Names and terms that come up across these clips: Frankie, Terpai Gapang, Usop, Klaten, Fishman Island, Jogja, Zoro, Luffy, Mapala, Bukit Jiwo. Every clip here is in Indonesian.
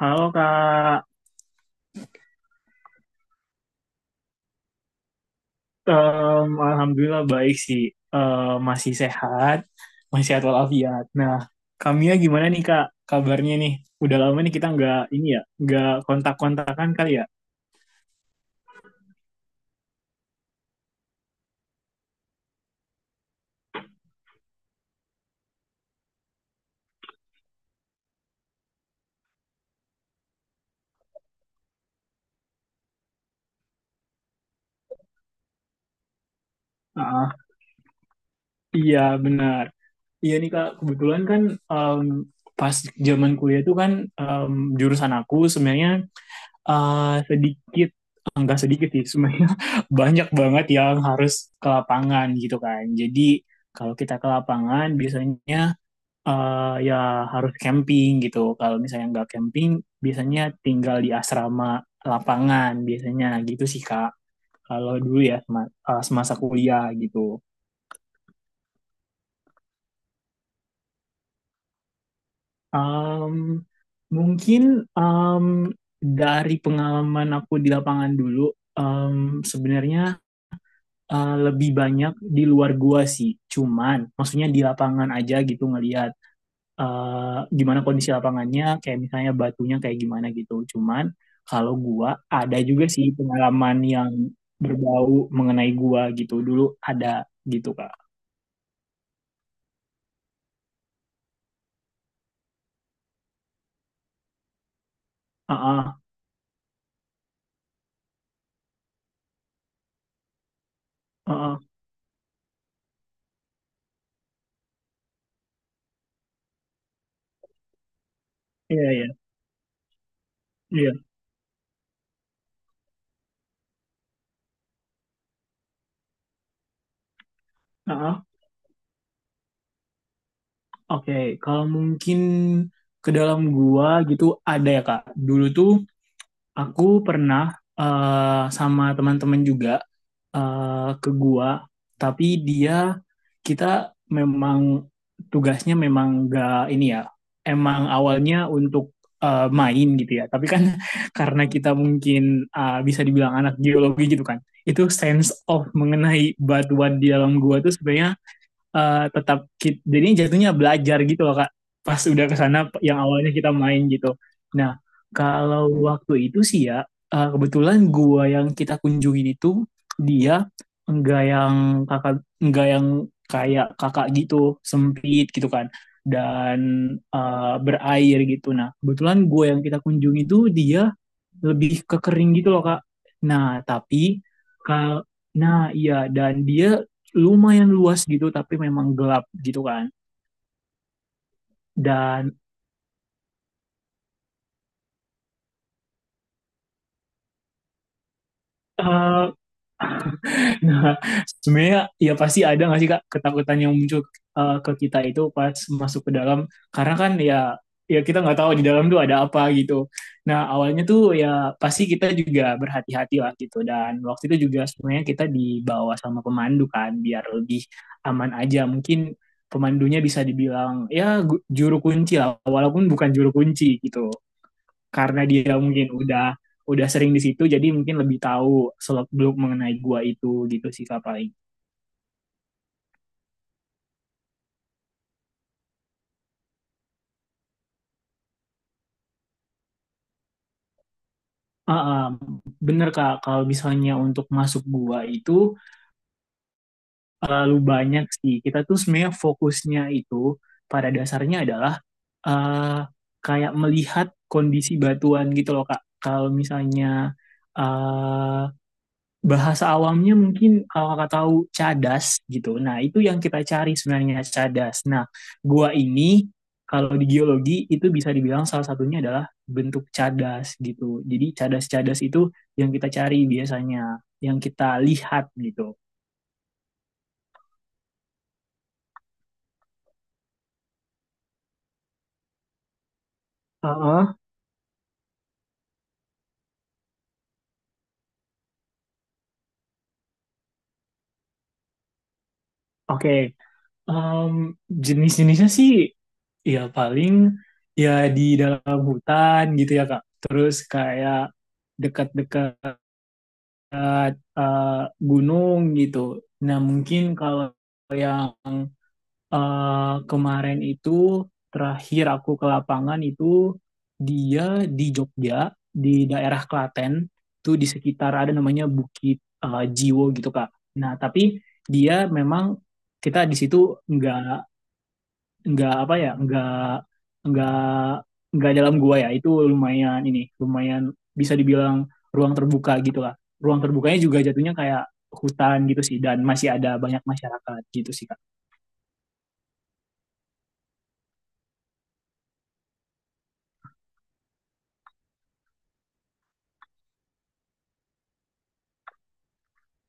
Halo Kak. Alhamdulillah baik sih. Masih sehat, masih sehat walafiat. Nah, Kamia gimana nih Kak, kabarnya nih? Udah lama nih kita nggak ini ya, nggak kontak-kontakan kali ya? Ah, iya benar. Iya nih Kak, kebetulan kan em, pas zaman kuliah tuh kan em, jurusan aku sebenarnya eh, sedikit, enggak sedikit sih, sebenarnya banyak banget yang harus ke lapangan gitu kan. Jadi kalau kita ke lapangan biasanya ya harus camping gitu. Kalau misalnya nggak camping, biasanya tinggal di asrama lapangan biasanya gitu sih Kak. Kalau dulu ya semasa kuliah gitu. Em, Mungkin em, dari pengalaman aku di lapangan dulu, em, sebenarnya lebih banyak di luar gua sih. Cuman maksudnya di lapangan aja gitu ngelihat, gimana kondisi lapangannya, kayak misalnya batunya kayak gimana gitu. Cuman kalau gua ada juga sih pengalaman yang berbau mengenai gua gitu. Dulu ada gitu, Kak. Heeh, heeh. Iya, iya. Iya. Heeh. Oke, kalau mungkin ke dalam gua gitu ada ya, Kak. Dulu tuh aku pernah, sama teman-teman juga, ke gua, tapi dia kita memang tugasnya memang gak ini ya, emang awalnya untuk main gitu ya. Tapi kan karena kita mungkin bisa dibilang anak geologi gitu kan, itu sense of mengenai batuan di dalam gua tuh sebenarnya jadinya jatuhnya belajar gitu loh Kak. Pas udah kesana yang awalnya kita main gitu. Nah, kalau waktu itu sih ya, kebetulan gua yang kita kunjungin itu dia enggak yang kakak, enggak yang kayak kakak gitu sempit gitu kan, dan berair gitu. Nah, kebetulan gue yang kita kunjungi itu dia lebih ke kering gitu loh Kak. Nah tapi kal nah iya, dan dia lumayan luas gitu tapi memang gelap gitu kan. Dan eh, Nah, sebenarnya ya pasti ada nggak sih Kak ketakutan yang muncul ke kita itu pas masuk ke dalam, karena kan ya ya kita nggak tahu di dalam tuh ada apa gitu. Nah, awalnya tuh ya pasti kita juga berhati-hati lah gitu, dan waktu itu juga sebenarnya kita dibawa sama pemandu kan biar lebih aman aja. Mungkin pemandunya bisa dibilang ya, juru kunci lah walaupun bukan juru kunci gitu, karena dia mungkin udah sering di situ, jadi mungkin lebih tahu seluk beluk mengenai gua itu gitu sih Kak paling. Ah, ah, bener Kak, kalau misalnya untuk masuk gua itu terlalu banyak sih, kita tuh sebenarnya fokusnya itu pada dasarnya adalah eh kayak melihat kondisi batuan gitu loh Kak. Kalau misalnya, eh bahasa awamnya, mungkin kalau kakak tahu, cadas gitu. Nah, itu yang kita cari sebenarnya, cadas. Nah, gua ini kalau di geologi itu bisa dibilang salah satunya adalah bentuk cadas gitu. Jadi cadas-cadas itu yang kita cari biasanya, yang kita lihat gitu. Heeh. Oke. Em, Jenis-jenisnya sih ya paling ya di dalam hutan gitu ya Kak. Terus kayak dekat-dekat eh, eh, gunung gitu. Nah, mungkin kalau yang kemarin itu terakhir aku ke lapangan itu dia di Jogja, di daerah Klaten, itu di sekitar ada namanya Bukit Jiwo gitu, Kak. Nah, tapi dia memang kita di situ nggak nggak apa ya nggak nggak dalam gua ya, itu lumayan ini lumayan bisa dibilang ruang terbuka gitu lah. Ruang terbukanya juga jatuhnya kayak hutan gitu sih, dan masih ada banyak masyarakat gitu sih Kak.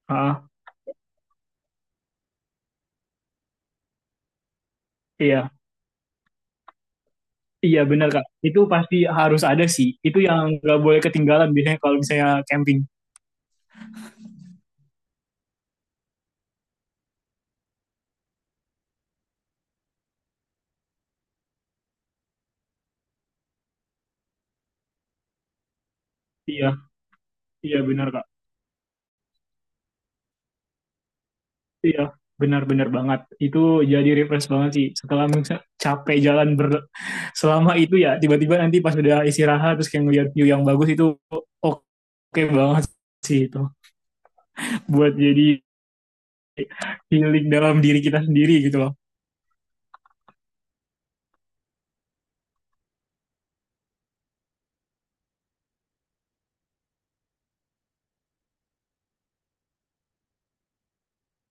Ah, iya, iya benar Kak, itu pasti harus ada sih, itu yang nggak boleh ketinggalan biasanya kalau misalnya camping. Iya, iya benar Kak, iya, benar-benar banget itu, jadi refresh banget sih setelah misalnya capek jalan selama itu ya, tiba-tiba nanti pas udah istirahat terus kayak ngeliat view yang bagus itu, oke, okay banget sih itu buat jadi healing dalam diri kita sendiri gitu loh.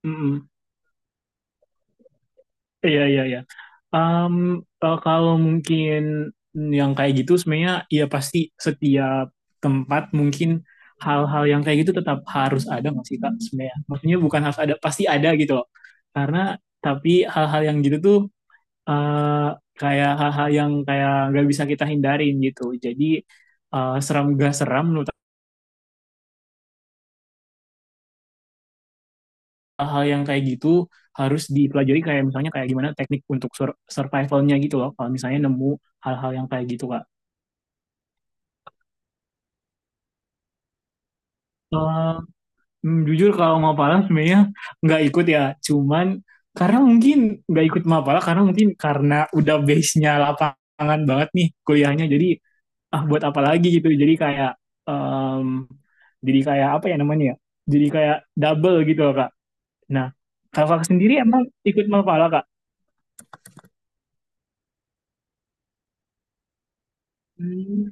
Mm-mm. Iya, iya, iya. Kalau mungkin yang kayak gitu sebenarnya ya pasti setiap tempat mungkin hal-hal yang kayak gitu tetap harus ada nggak sih Kak sebenarnya? Maksudnya bukan harus ada, pasti ada gitu loh. Karena tapi hal-hal yang gitu tuh eh, kayak hal-hal yang kayak nggak bisa kita hindarin gitu. Jadi seram gak seram menurut aku, hal yang kayak gitu harus dipelajari kayak misalnya kayak gimana teknik untuk survivalnya gitu loh. Kalau misalnya nemu hal-hal yang kayak gitu Kak. Eh, Jujur kalau Mapala sebenarnya nggak ikut ya. Cuman karena mungkin nggak ikut Mapala, karena mungkin karena udah base-nya lapangan banget nih kuliahnya. Jadi ah buat apa lagi gitu, jadi kayak em, jadi kayak apa ya namanya ya, jadi kayak double gitu loh Kak. Nah kakak sendiri emang ikut Mapala Kak? Hmm.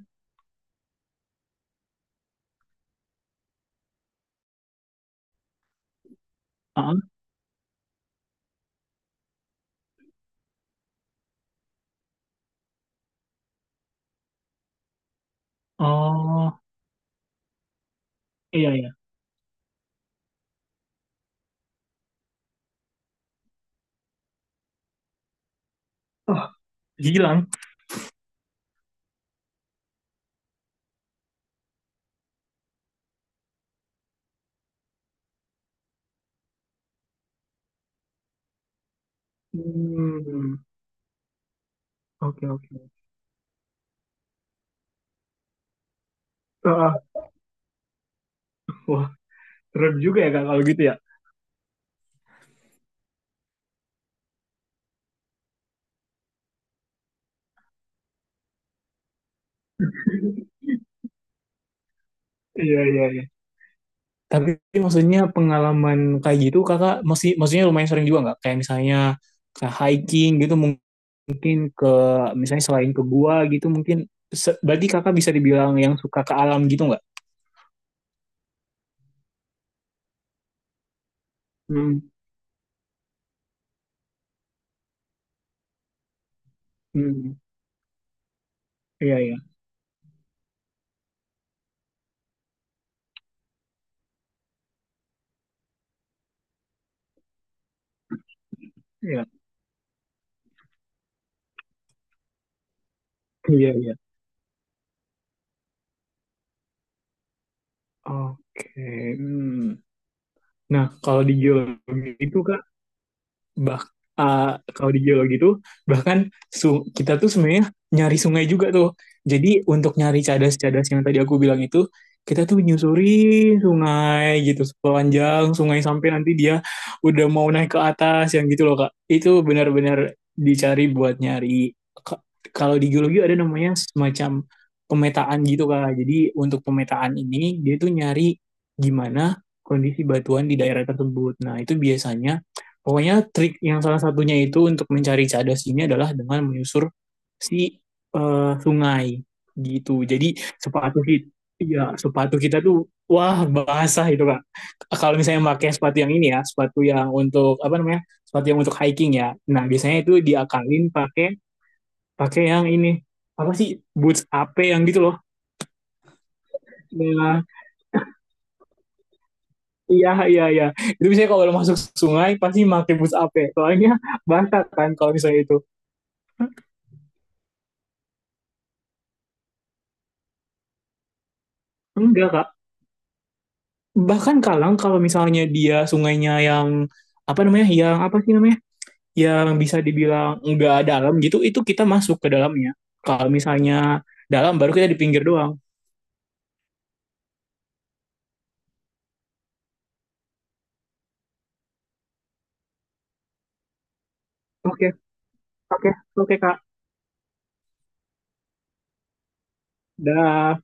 Ah. Oh, iya, iya. Oh, hilang. Hmm. Oke, oke. Ah, ah, wah keren juga ya Kak kalau gitu ya. Iya, iya, iya. Tapi maksudnya pengalaman kayak gitu kakak masih maksudnya lumayan sering juga nggak? Kayak misalnya kayak hiking gitu mungkin ke misalnya selain ke gua gitu mungkin berarti kakak bisa dibilang yang suka ke alam gitu nggak? Hmm, hmm, iya iya iya iya iya. Oke. Hmm. Nah kalau di geologi itu bah kalau di geologi itu bahkan kita tuh sebenarnya nyari sungai juga tuh. Jadi untuk nyari cadas-cadas yang tadi aku bilang itu, kita tuh menyusuri sungai gitu, sepanjang sungai sampai nanti dia udah mau naik ke atas yang gitu loh Kak. Itu benar-benar dicari buat nyari. Ka- Kalau di geologi ada namanya semacam pemetaan gitu Kak. Jadi untuk pemetaan ini dia tuh nyari gimana kondisi batuan di daerah tersebut. Nah, itu biasanya pokoknya trik yang salah satunya itu untuk mencari cadas ini adalah dengan menyusur si sungai gitu. Jadi ya sepatu kita tuh wah basah itu Kak. Kalau misalnya pakai sepatu yang ini ya, sepatu yang untuk apa namanya, sepatu yang untuk hiking ya. Nah biasanya itu diakalin pakai pakai yang ini apa sih, boots AP yang gitu loh. Nah, iya, iya, iya. Itu biasanya kalau masuk sungai pasti pakai boots AP. Soalnya basah kan kalau misalnya itu. Enggak Kak, bahkan Kalang kalau misalnya dia sungainya yang apa namanya, yang apa sih namanya, yang bisa dibilang nggak dalam gitu itu kita masuk ke dalamnya. Kalau misalnya dalam baru kita di pinggir doang. Oke, oke, oke Kak. Dah.